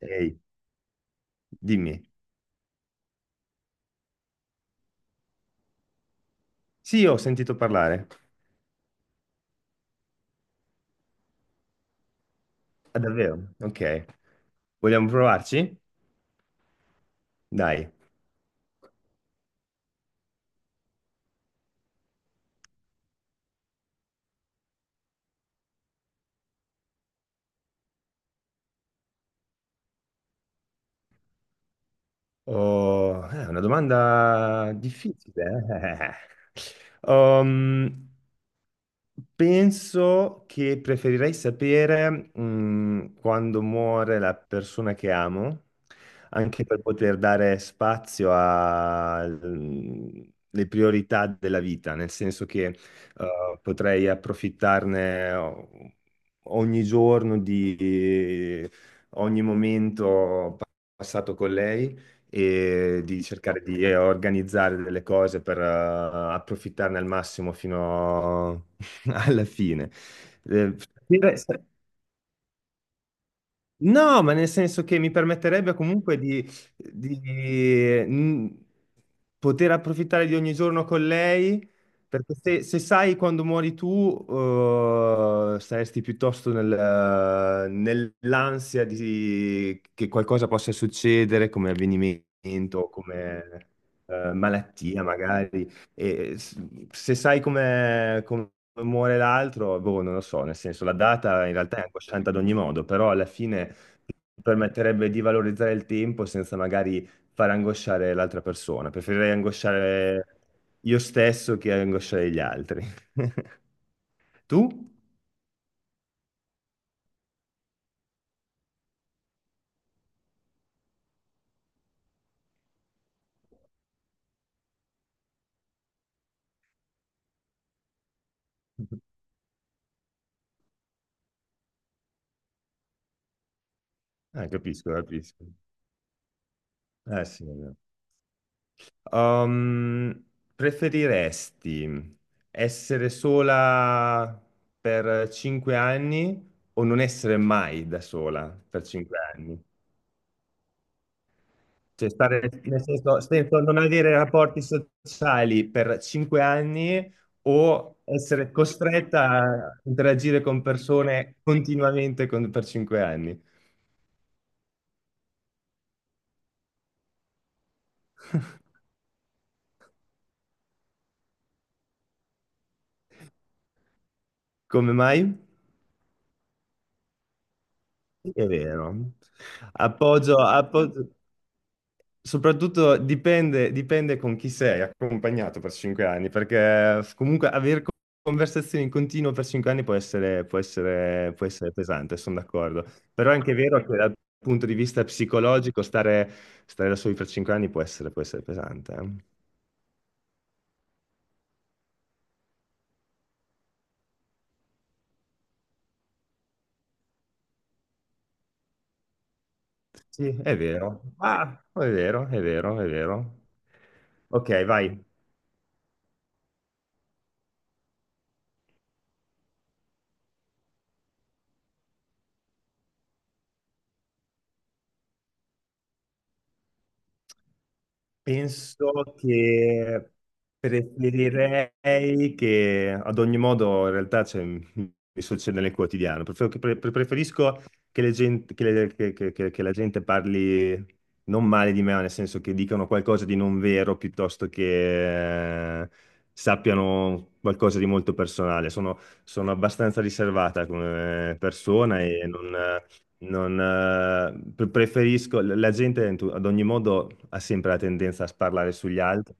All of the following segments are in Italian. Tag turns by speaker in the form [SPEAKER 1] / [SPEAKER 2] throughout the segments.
[SPEAKER 1] Ehi, dimmi. Sì, ho sentito parlare. Ah, davvero? Ok. Vogliamo provarci? Dai. Oh, è una domanda difficile. Eh. Penso che preferirei sapere, quando muore la persona che amo, anche per poter dare spazio alle priorità della vita, nel senso che, potrei ogni giorno di ogni momento passato con lei e di cercare di organizzare delle cose per approfittarne al massimo fino alla fine. Eh, sapere- No, ma nel senso che mi permetterebbe comunque di, poter approfittare di ogni giorno con lei, perché se sai quando muori tu, saresti piuttosto nell'ansia di, che qualcosa possa succedere come avvenimento, come, malattia magari. Se sai come, muore l'altro, boh, non lo so, nel senso la data in realtà è angosciante ad ogni modo, però alla fine permetterebbe di valorizzare il tempo senza magari far angosciare l'altra persona. Preferirei angosciare io stesso che angosciare gli altri. Tu? Ah, capisco, capisco. Eh sì, è vero. Um, preferiresti essere sola per 5 anni o non essere mai da sola per 5 anni? Cioè, stare nel senso, senza non avere rapporti sociali per 5 anni o essere costretta a interagire con persone per 5 anni. Come mai? Sì, è vero. Appoggio, appoggio. Soprattutto dipende, dipende con chi sei accompagnato per 5 anni, perché comunque avere conversazioni in continuo per 5 anni può essere pesante, sono d'accordo. Però è anche vero che dal punto di vista psicologico stare, da soli per 5 anni può essere pesante. Eh. Sì, è vero. Ah, è vero, è vero, è vero. Ok, vai. Penso che preferirei che ad ogni modo in realtà cioè, mi succede nel quotidiano. Preferisco che, le gen- che le- che la gente parli non male di me, ma nel senso che dicano qualcosa di non vero piuttosto che sappiano qualcosa di molto personale. Sono abbastanza riservata come persona e non. Non, preferisco, la gente ad ogni modo ha sempre la tendenza a sparlare sugli altri,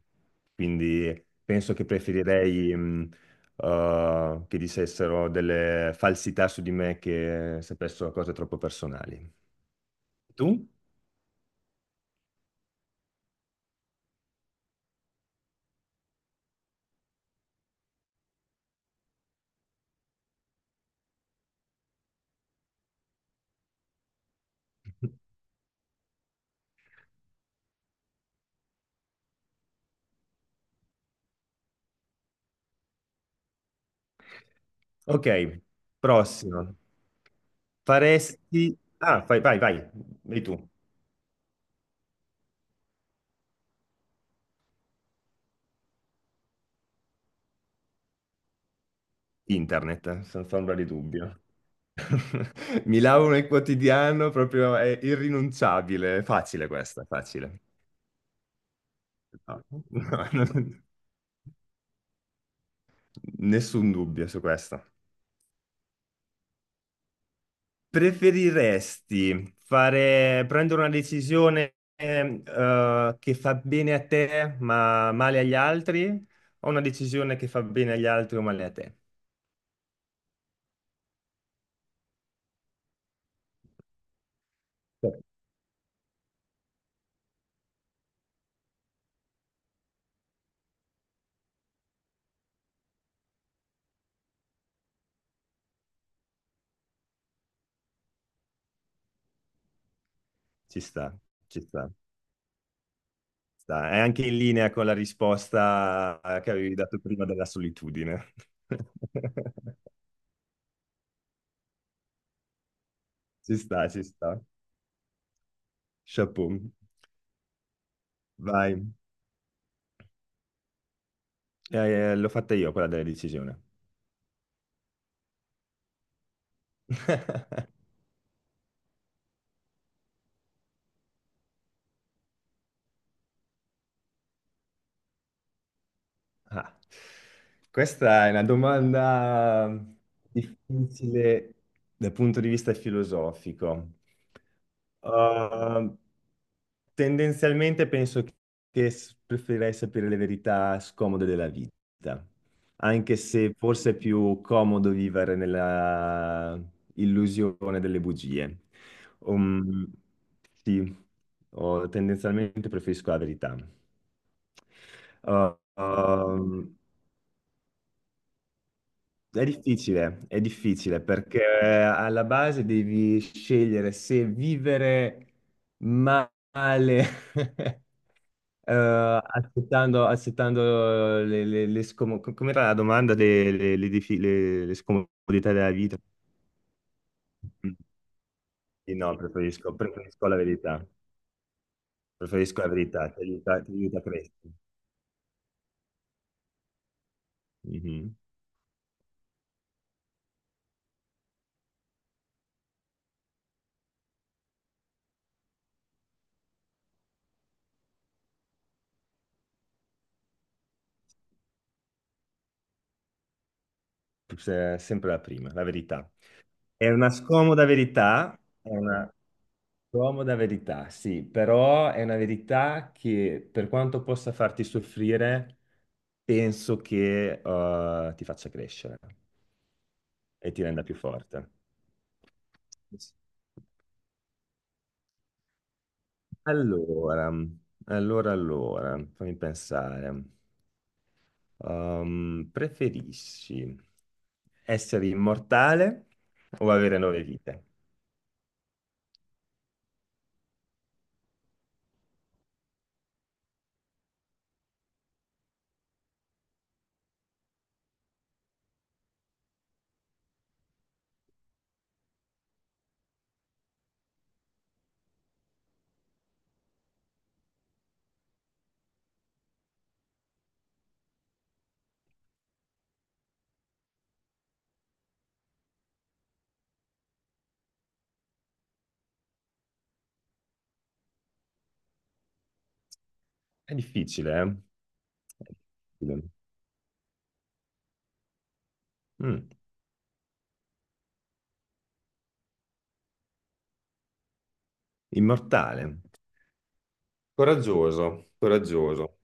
[SPEAKER 1] quindi penso che preferirei che dicessero delle falsità su di me che sapessero cose troppo personali. Tu? Ok, prossimo. Faresti. Ah, vai, vai, vai, vai tu. Internet, senza ombra di dubbio. Mi lavo nel quotidiano, proprio è irrinunciabile. Facile questa, facile. No, no, non- nessun dubbio su questo. Preferiresti prendere una decisione che fa bene a te ma male agli altri o una decisione che fa bene agli altri o male a te? Sì. Ci sta, ci sta, sta. È anche in linea con la risposta che avevi dato prima della solitudine. Ci sta, ci sta. Chapeau. Vai. L'ho fatta io quella della decisione. Ah, questa è una domanda difficile dal punto di vista filosofico. Uh, tendenzialmente penso che preferirei sapere le verità scomode della vita, anche se forse è più comodo vivere nella illusione delle bugie. Um, sì, oh, tendenzialmente preferisco la verità. Uh, um, è difficile perché alla base devi scegliere se vivere male, accettando Com'era la domanda? Le scomodità della vita? Mm. Sì, no, preferisco, preferisco la verità. Preferisco la verità, ti aiuta a crescere. Mhm. Sempre la prima, la verità. È una scomoda verità, è una, comoda verità, sì, però è una verità che per quanto possa farti soffrire, penso che ti faccia crescere e ti renda più forte. Allora, allora, allora, fammi pensare. Preferisci essere immortale o avere nove vite? È difficile, eh? È difficile. Mm. Immortale. Coraggioso, coraggioso.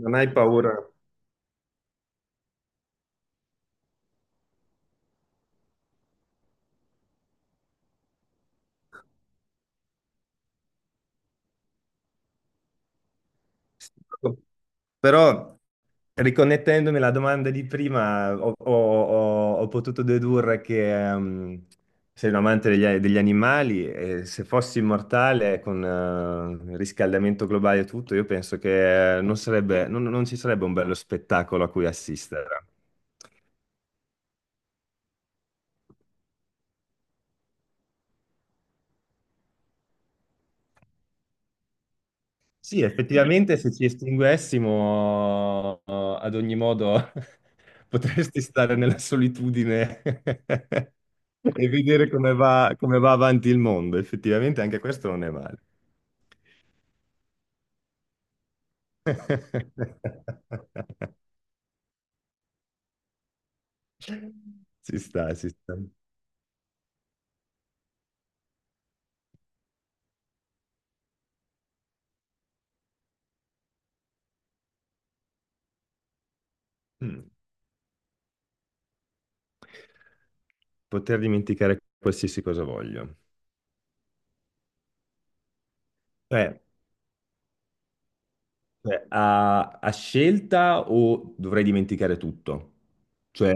[SPEAKER 1] Non hai paura. Però, riconnettendomi alla domanda di prima, ho potuto dedurre che sei un amante degli animali e se fossi immortale con il riscaldamento globale e tutto, io penso che non sarebbe, non ci sarebbe un bello spettacolo a cui assistere. Sì, effettivamente se ci estinguessimo ad ogni modo potresti stare nella solitudine e vedere come va avanti il mondo. Effettivamente anche questo non è male. Si sta, si sta. Mm. Poter dimenticare qualsiasi cosa voglio. Cioè, cioè, a scelta o dovrei dimenticare tutto? Cioè,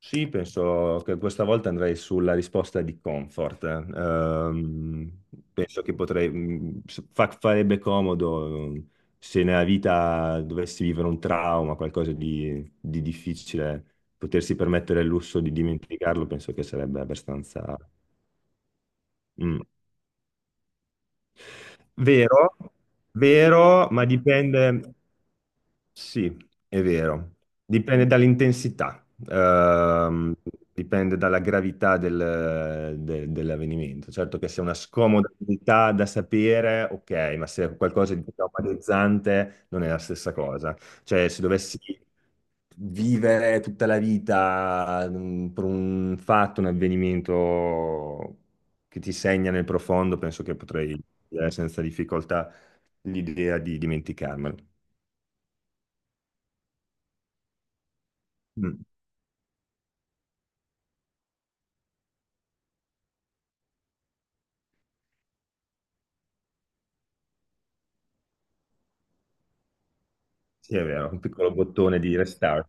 [SPEAKER 1] sì, penso che questa volta andrei sulla risposta di comfort. Penso che potrei, farebbe comodo se nella vita dovessi vivere un trauma, qualcosa di difficile, potersi permettere il lusso di dimenticarlo, penso che sarebbe abbastanza. Mm. Vero, vero, ma dipende. Sì, è vero. Dipende dall'intensità, dipende dalla gravità dell'avvenimento. Certo che se è una scomodità da sapere, ok, ma se è qualcosa di traumatizzante non è la stessa cosa. Cioè, se dovessi vivere tutta la vita per un fatto, un avvenimento che ti segna nel profondo, penso che potrei, senza difficoltà l'idea di dimenticarmelo. Mm. Sì, è vero, un piccolo bottone di restart.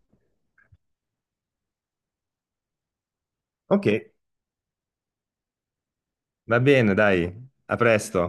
[SPEAKER 1] Ok, va bene, dai, a presto.